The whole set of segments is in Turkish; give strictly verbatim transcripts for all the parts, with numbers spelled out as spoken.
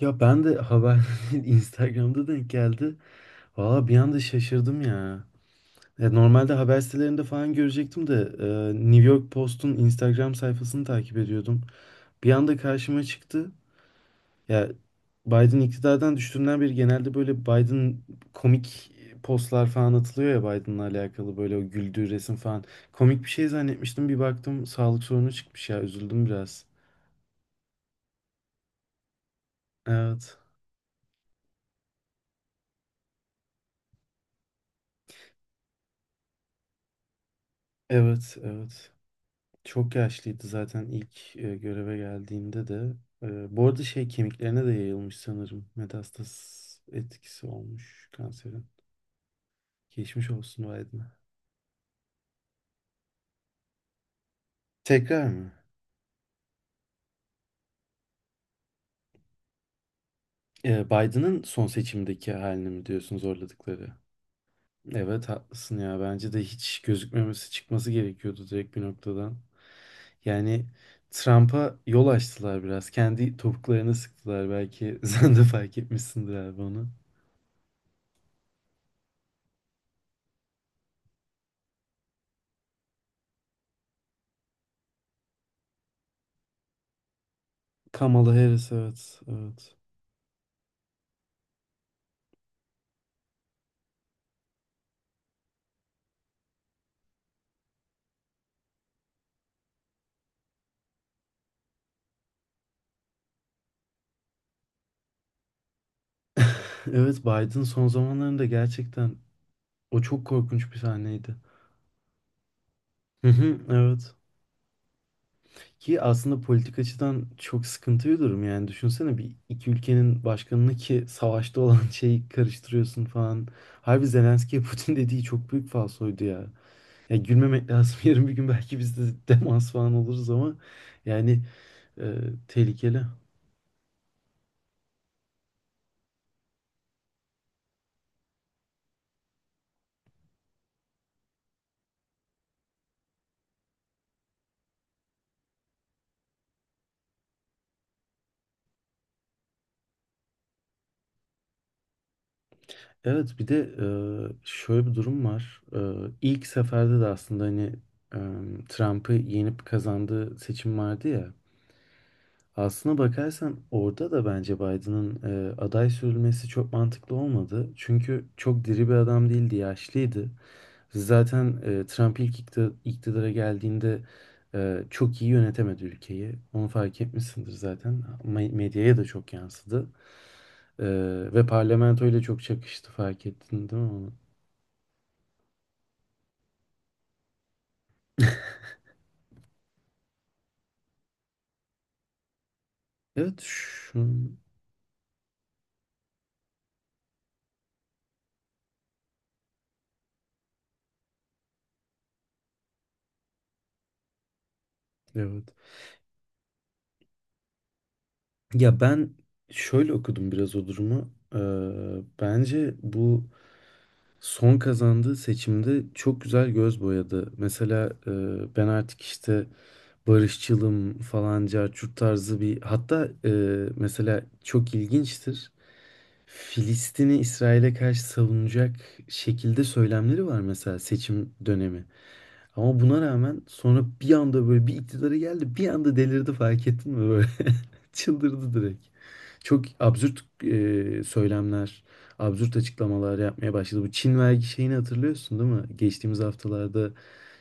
Ya ben de haber Instagram'da denk geldi. Valla bir anda şaşırdım ya. Ya normalde haber sitelerinde falan görecektim de e, New York Post'un Instagram sayfasını takip ediyordum. Bir anda karşıma çıktı. Ya Biden iktidardan düştüğünden beri genelde böyle Biden komik postlar falan atılıyor ya Biden'la alakalı böyle o güldüğü resim falan. Komik bir şey zannetmiştim bir baktım sağlık sorunu çıkmış ya üzüldüm biraz. Evet. Evet, evet. Çok yaşlıydı zaten ilk e, göreve geldiğinde de. E, bu arada şey kemiklerine de yayılmış sanırım. Metastaz etkisi olmuş kanserin. Geçmiş olsun Biden'a. Tekrar mı? E, Biden'ın son seçimdeki halini mi diyorsun zorladıkları? Evet haklısın ya. Bence de hiç gözükmemesi çıkması gerekiyordu direkt bir noktadan. Yani Trump'a yol açtılar biraz. Kendi topuklarına sıktılar belki. Sen de fark etmişsindir abi onu. Kamala Harris evet. Evet. Evet, Biden son zamanlarında gerçekten o çok korkunç bir sahneydi. Hı hı, evet. Ki aslında politik açıdan çok sıkıntı bir durum yani. Düşünsene bir iki ülkenin başkanını ki savaşta olan şeyi karıştırıyorsun falan. Harbi Zelenski'ye Putin dediği çok büyük falsoydu ya. Ya gülmemek lazım. Yarın bir gün belki biz de demans falan oluruz ama yani e, tehlikeli. Evet bir de e, şöyle bir durum var. E, ilk seferde de aslında hani e, Trump'ı yenip kazandığı seçim vardı ya. Aslına bakarsan orada da bence Biden'ın e, aday sürülmesi çok mantıklı olmadı. Çünkü çok diri bir adam değildi, yaşlıydı. Zaten e, Trump ilk ikti- iktidara geldiğinde e, çok iyi yönetemedi ülkeyi. Onu fark etmişsindir zaten. Me- Medyaya da çok yansıdı. E, Ve parlamentoyla çok çakıştı fark ettin değil mi onu? Evet şu evet. Ya ben şöyle okudum biraz o durumu. Ee, bence bu son kazandığı seçimde çok güzel göz boyadı. Mesela e, ben artık işte barışçılım falan carçurt tarzı bir hatta e, mesela çok ilginçtir. Filistin'i İsrail'e karşı savunacak şekilde söylemleri var mesela seçim dönemi. Ama buna rağmen sonra bir anda böyle bir iktidarı geldi. Bir anda delirdi fark ettin mi böyle? Çıldırdı direkt. Çok absürt e, söylemler, absürt açıklamalar yapmaya başladı. Bu Çin vergi şeyini hatırlıyorsun değil mi? Geçtiğimiz haftalarda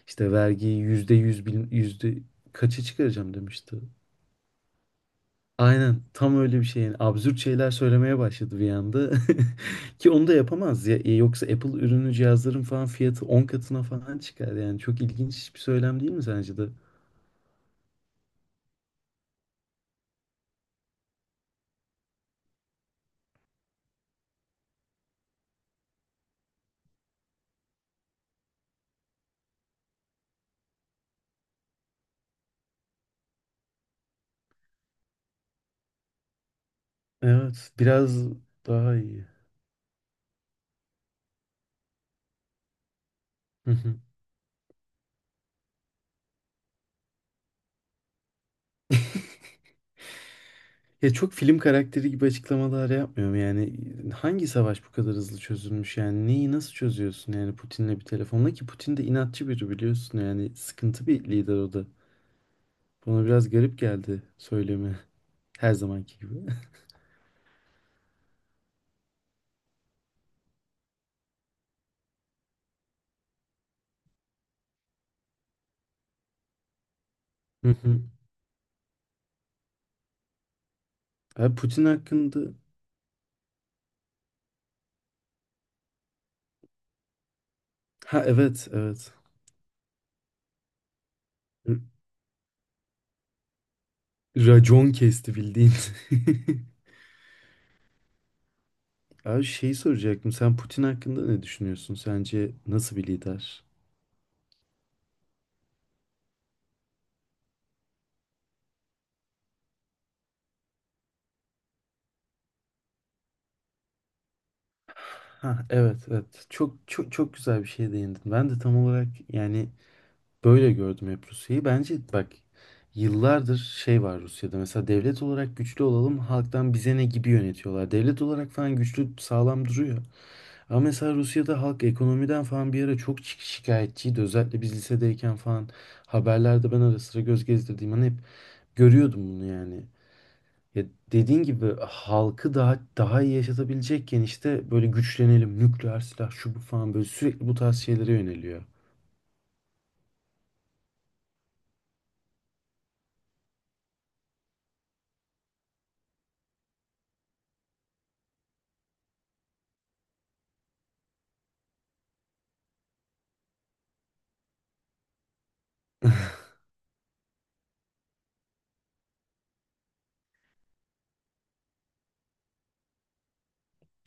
işte vergiyi yüzde yüz, bil- yüzde kaça çıkaracağım demişti. Aynen tam öyle bir şey. Yani absürt şeyler söylemeye başladı bir anda. Ki onu da yapamaz ya. E, Yoksa Apple ürünü cihazların falan fiyatı on katına falan çıkar. Yani çok ilginç bir söylem değil mi sence de? Evet, biraz daha iyi. Hı hı. Ya çok film karakteri gibi açıklamalar yapmıyorum yani. e, Hangi savaş bu kadar hızlı çözülmüş yani? Neyi nasıl çözüyorsun yani Putin'le bir telefonla ki Putin de inatçı biri biliyorsun yani sıkıntı bir lider o da. Bana biraz garip geldi söylemi her zamanki gibi. Abi Putin hakkında... Ha evet evet. R- Racon kesti bildiğin. Abi şeyi soracaktım. Sen Putin hakkında ne düşünüyorsun? Sence nasıl bir lider? Ha evet evet. Çok çok çok güzel bir şeye değindin. Ben de tam olarak yani böyle gördüm hep Rusya'yı. Bence bak yıllardır şey var Rusya'da. Mesela devlet olarak güçlü olalım, halktan bize ne gibi yönetiyorlar. Devlet olarak falan güçlü, sağlam duruyor. Ama mesela Rusya'da halk ekonomiden falan bir ara çok şi- şikayetçiydi. Özellikle biz lisedeyken falan haberlerde ben ara sıra göz gezdirdiğim an hep görüyordum bunu yani. Ya dediğin gibi halkı daha daha iyi yaşatabilecekken işte böyle güçlenelim, nükleer silah şu bu falan böyle sürekli bu tarz şeylere yöneliyor.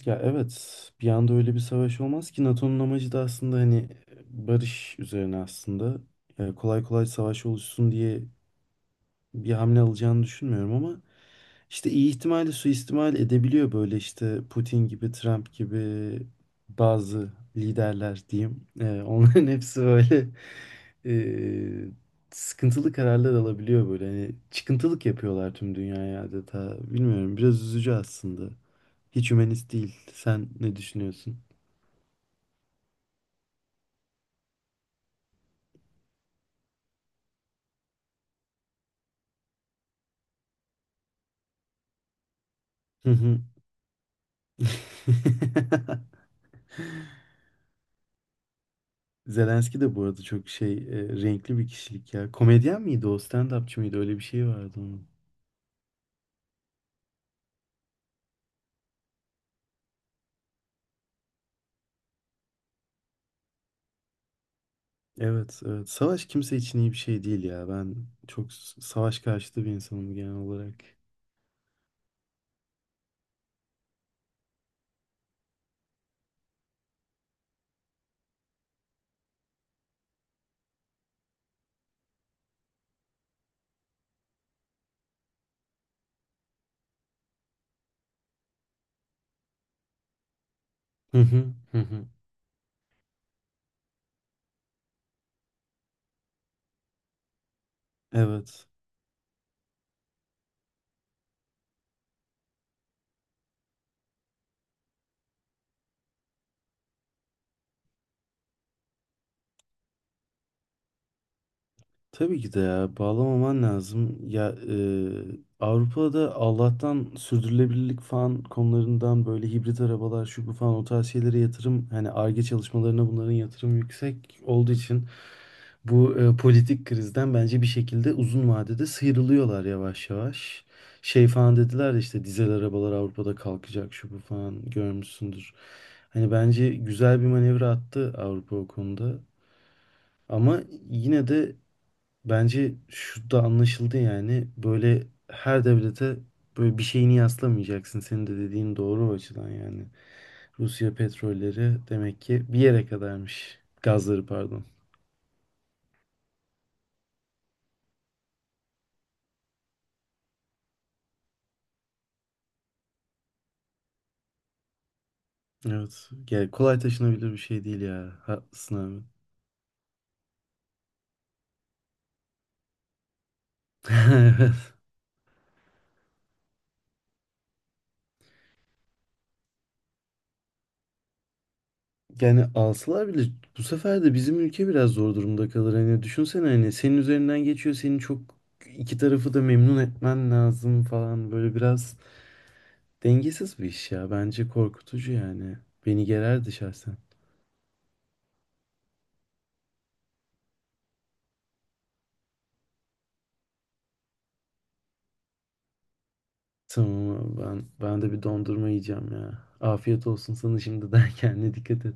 Ya evet bir anda öyle bir savaş olmaz ki natonun amacı da aslında hani barış üzerine aslında. Ya kolay kolay savaş oluşsun diye bir hamle alacağını düşünmüyorum ama işte iyi ihtimalle suistimal edebiliyor böyle işte Putin gibi, Trump gibi bazı liderler diyeyim. Ee, onların hepsi böyle e, sıkıntılı kararlar alabiliyor böyle. Hani çıkıntılık yapıyorlar tüm dünyaya adeta. Bilmiyorum biraz üzücü aslında. Hiç hümanist değil. Sen ne düşünüyorsun? Hı hı. Zelenski de bu arada çok şey e, renkli bir kişilik ya. Komedyen miydi o? Stand-upçı mıydı? Öyle bir şey vardı onun. Evet, evet. Savaş kimse için iyi bir şey değil ya. Ben çok s- savaş karşıtı bir insanım genel olarak. Hı hı, hı hı. Evet. Tabii ki de ya bağlamaman lazım. Ya e, Avrupa'da Allah'tan sürdürülebilirlik falan konularından böyle hibrit arabalar şu bu falan o tarz şeylere yatırım hani Ar-Ge çalışmalarına bunların yatırım yüksek olduğu için bu e, politik krizden bence bir şekilde uzun vadede sıyrılıyorlar yavaş yavaş. Şey falan dediler ya işte dizel arabalar Avrupa'da kalkacak şu bu falan görmüşsündür. Hani bence güzel bir manevra attı Avrupa o konuda. Ama yine de bence şu da anlaşıldı yani böyle her devlete böyle bir şeyini yaslamayacaksın. Senin de dediğin doğru o açıdan yani. Rusya petrolleri demek ki bir yere kadarmış. Gazları pardon. Evet. Yani kolay taşınabilir bir şey değil ya. Haklısın abi. Evet. Yani alsalar bile bu sefer de bizim ülke biraz zor durumda kalır. Hani düşünsene hani senin üzerinden geçiyor. Senin çok iki tarafı da memnun etmen lazım falan. Böyle biraz dengesiz bir iş ya. Bence korkutucu yani. Beni gererdi şahsen. Tamam abi, ben ben de bir dondurma yiyeceğim ya. Afiyet olsun sana şimdiden. Kendine dikkat et.